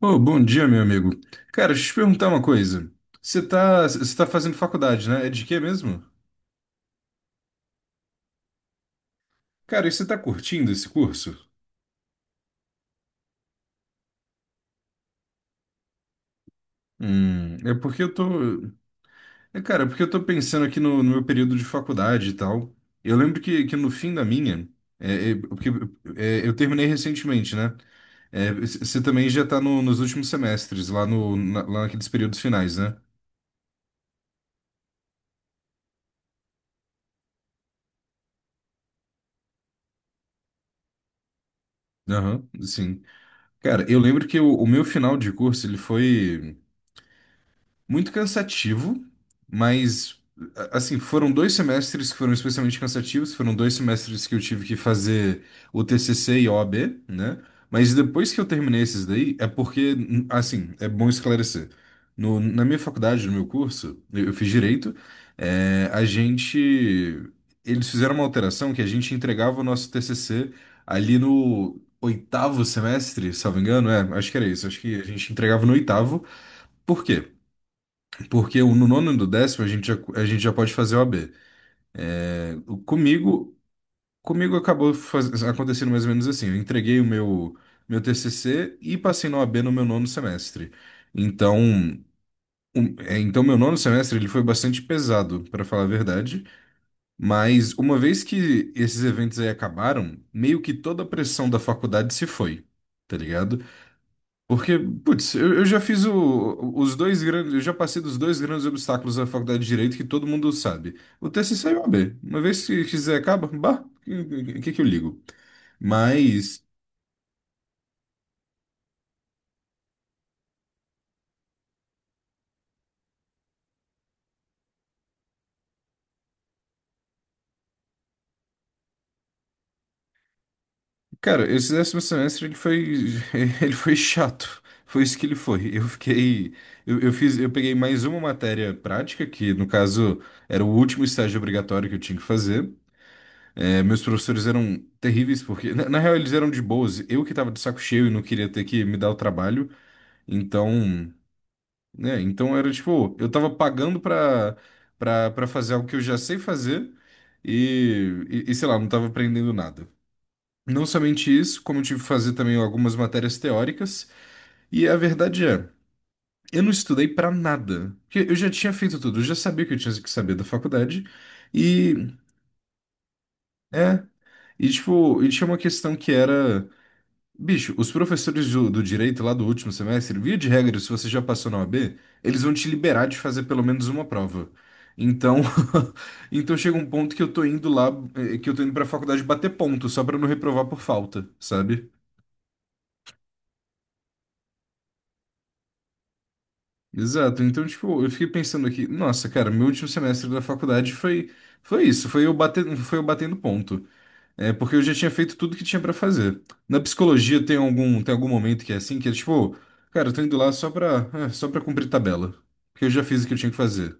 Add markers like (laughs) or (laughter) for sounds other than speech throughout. Ô, bom dia, meu amigo. Cara, deixa eu te perguntar uma coisa. Você tá fazendo faculdade, né? É de quê mesmo? Cara, e você tá curtindo esse curso? É porque eu tô. É, cara, é porque eu tô pensando aqui no meu período de faculdade e tal. Eu lembro que no fim da minha, é, é, porque eu terminei recentemente, né? Você também já tá nos últimos semestres, lá, no, na- lá naqueles períodos finais, né? Aham, sim. Cara, eu lembro que o meu final de curso, ele foi muito cansativo, mas assim, foram dois semestres que foram especialmente cansativos, foram dois semestres que eu tive que fazer o TCC e o OAB, né? Mas depois que eu terminei esses daí, é porque, assim, é bom esclarecer. No, na minha faculdade, no meu curso, eu fiz direito, a gente. Eles fizeram uma alteração que a gente entregava o nosso TCC ali no oitavo semestre, salvo engano, acho que era isso, acho que a gente entregava no oitavo. Por quê? Porque no nono e no décimo a gente já pode fazer OAB. O- Comigo, comigo, acabou acontecendo mais ou menos assim. Eu entreguei o meu TCC e passei na O A B no meu nono semestre. Então, meu nono semestre ele foi bastante pesado, para falar a verdade. Mas uma vez que esses eventos aí acabaram, meio que toda a pressão da faculdade se foi. Tá ligado? Porque, putz, eu já fiz os dois grandes, eu já passei dos dois grandes obstáculos da faculdade de Direito que todo mundo sabe. O TCC e o OAB. Uma vez que quiser acaba, bah, o que que eu ligo? Mas, cara, esse décimo semestre ele foi, (laughs) ele foi chato. Foi isso que ele foi. Eu fiquei, eu fiz, eu peguei mais uma matéria prática, que no caso era o último estágio obrigatório que eu tinha que fazer. Meus professores eram terríveis, porque, na real, eles eram de boas. Eu que tava de saco cheio e não queria ter que me dar o trabalho. Então, né? Então era tipo, eu tava pagando pra fazer algo que eu já sei fazer e, sei lá, não tava aprendendo nada. Não somente isso, como eu tive que fazer também algumas matérias teóricas. E a verdade é, eu não estudei pra nada. Porque eu já tinha feito tudo, eu já sabia o que eu tinha que saber da faculdade. E, é. E, tipo, e tinha uma questão que era. Bicho, os professores do direito lá do último semestre, via de regra, se você já passou na OAB, eles vão te liberar de fazer pelo menos uma prova. Então, (laughs) então chega um ponto que eu tô indo lá, que eu tô indo pra faculdade bater ponto, só pra não reprovar por falta, sabe? Exato. Então, tipo, eu fiquei pensando aqui, nossa, cara, meu último semestre da faculdade foi isso, foi eu batendo ponto. É porque eu já tinha feito tudo que tinha pra fazer. Na psicologia tem algum momento que é assim, que é tipo, cara, eu tô indo lá só para cumprir tabela, porque eu já fiz o que eu tinha que fazer.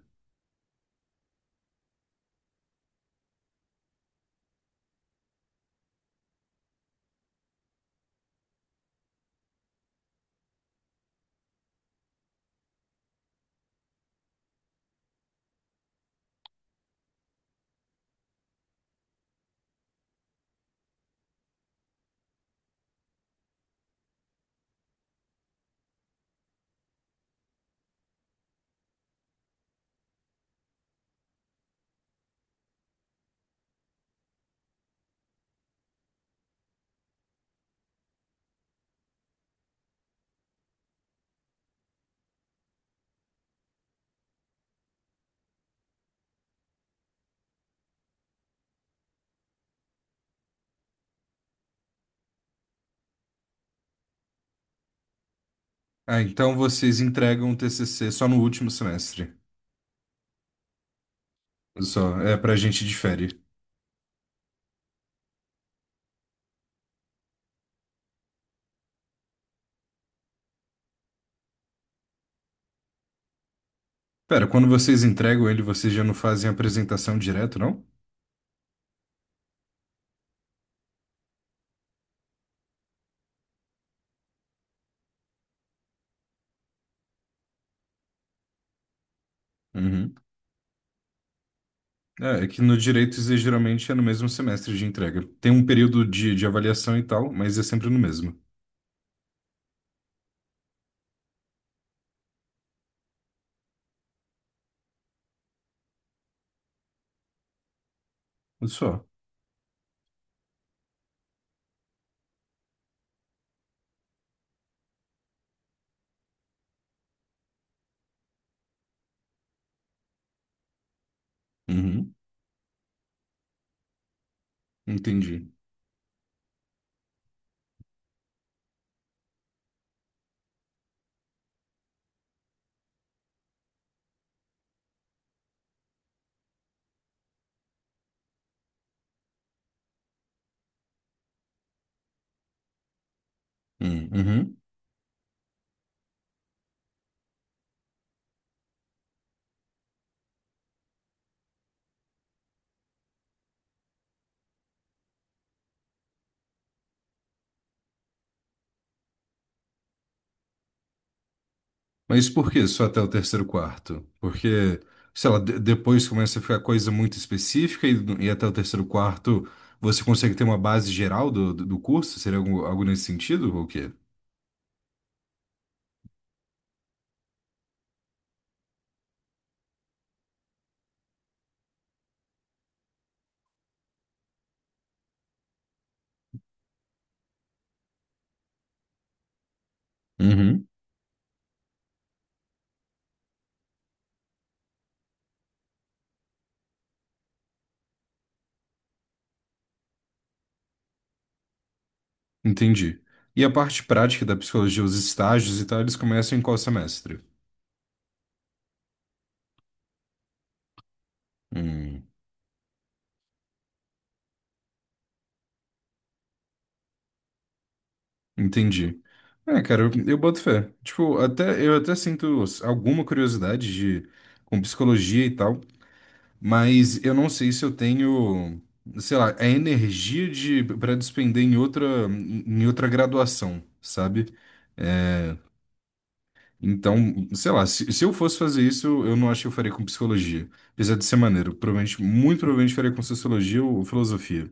Ah, então vocês entregam o TCC só no último semestre. Só, é pra gente de. Pera, quando vocês entregam ele, vocês já não fazem apresentação direto, não? Uhum. É que no direito isso aí geralmente é no mesmo semestre de entrega. Tem um período de avaliação e tal, mas é sempre no mesmo. Só. Uhum. Entendi. Uhum. Mas por que só até o terceiro quarto? Porque, sei lá, depois começa a ficar coisa muito específica e até o terceiro quarto você consegue ter uma base geral do curso? Seria algo, algo nesse sentido ou o quê? Uhum. Entendi. E a parte prática da psicologia, os estágios e tal, eles começam em qual semestre? Hum, entendi. É, cara, eu boto fé. Tipo, eu até sinto alguma curiosidade de, com psicologia e tal. Mas eu não sei se eu tenho, sei lá, a energia de para despender em outra graduação, sabe? É, Então, sei lá, se eu fosse fazer isso, eu não acho que eu faria com psicologia. Apesar de ser maneiro. Provavelmente, muito provavelmente faria com sociologia ou filosofia.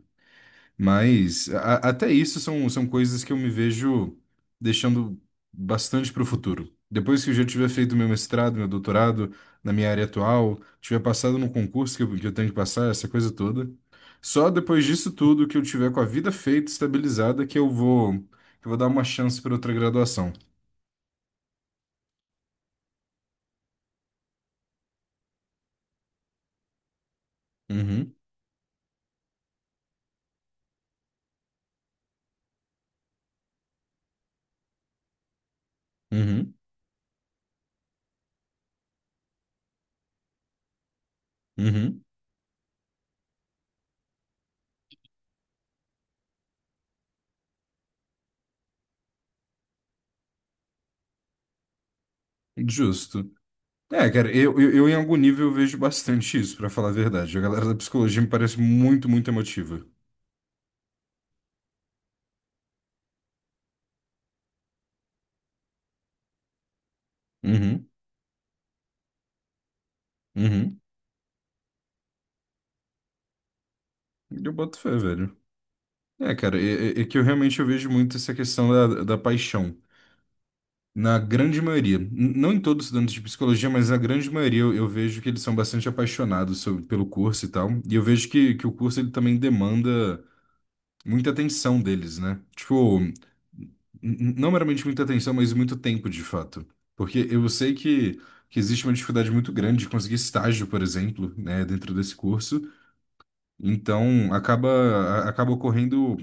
Mas até isso são coisas que eu me vejo deixando bastante para o futuro. Depois que eu já tiver feito meu mestrado, meu doutorado na minha área atual, tiver passado no concurso que eu tenho que passar, essa coisa toda. Só depois disso tudo que eu tiver com a vida feita, estabilizada, que eu vou dar uma chance para outra graduação. Uhum, uhum, uhum. Justo. É, cara, eu em algum nível eu vejo bastante isso, para falar a verdade. A galera da psicologia me parece muito, muito emotiva. Uhum, uhum. Eu boto fé, velho. É, cara, é que eu realmente eu vejo muito essa questão da paixão. Na grande maioria, não em todos os estudantes de psicologia, mas na grande maioria eu vejo que eles são bastante apaixonados pelo curso e tal. E eu vejo que o curso ele também demanda muita atenção deles, né? Tipo, não meramente muita atenção, mas muito tempo de fato. Porque eu sei que existe uma dificuldade muito grande de conseguir estágio, por exemplo, né, dentro desse curso. Então, acaba ocorrendo,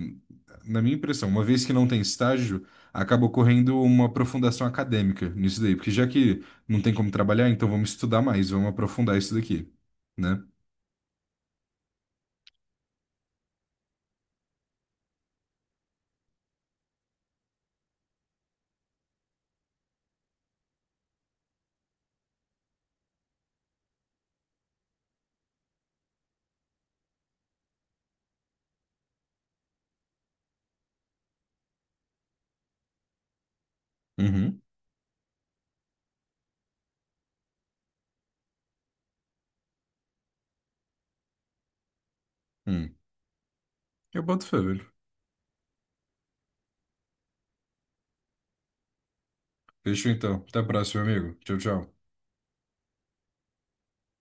na minha impressão, uma vez que não tem estágio, acaba ocorrendo uma aprofundação acadêmica nisso daí, porque já que não tem como trabalhar, então vamos estudar mais, vamos aprofundar isso daqui, né? Uhum, hum. Eu boto fé, velho. Fechou então. Até a próxima, amigo. Tchau, tchau.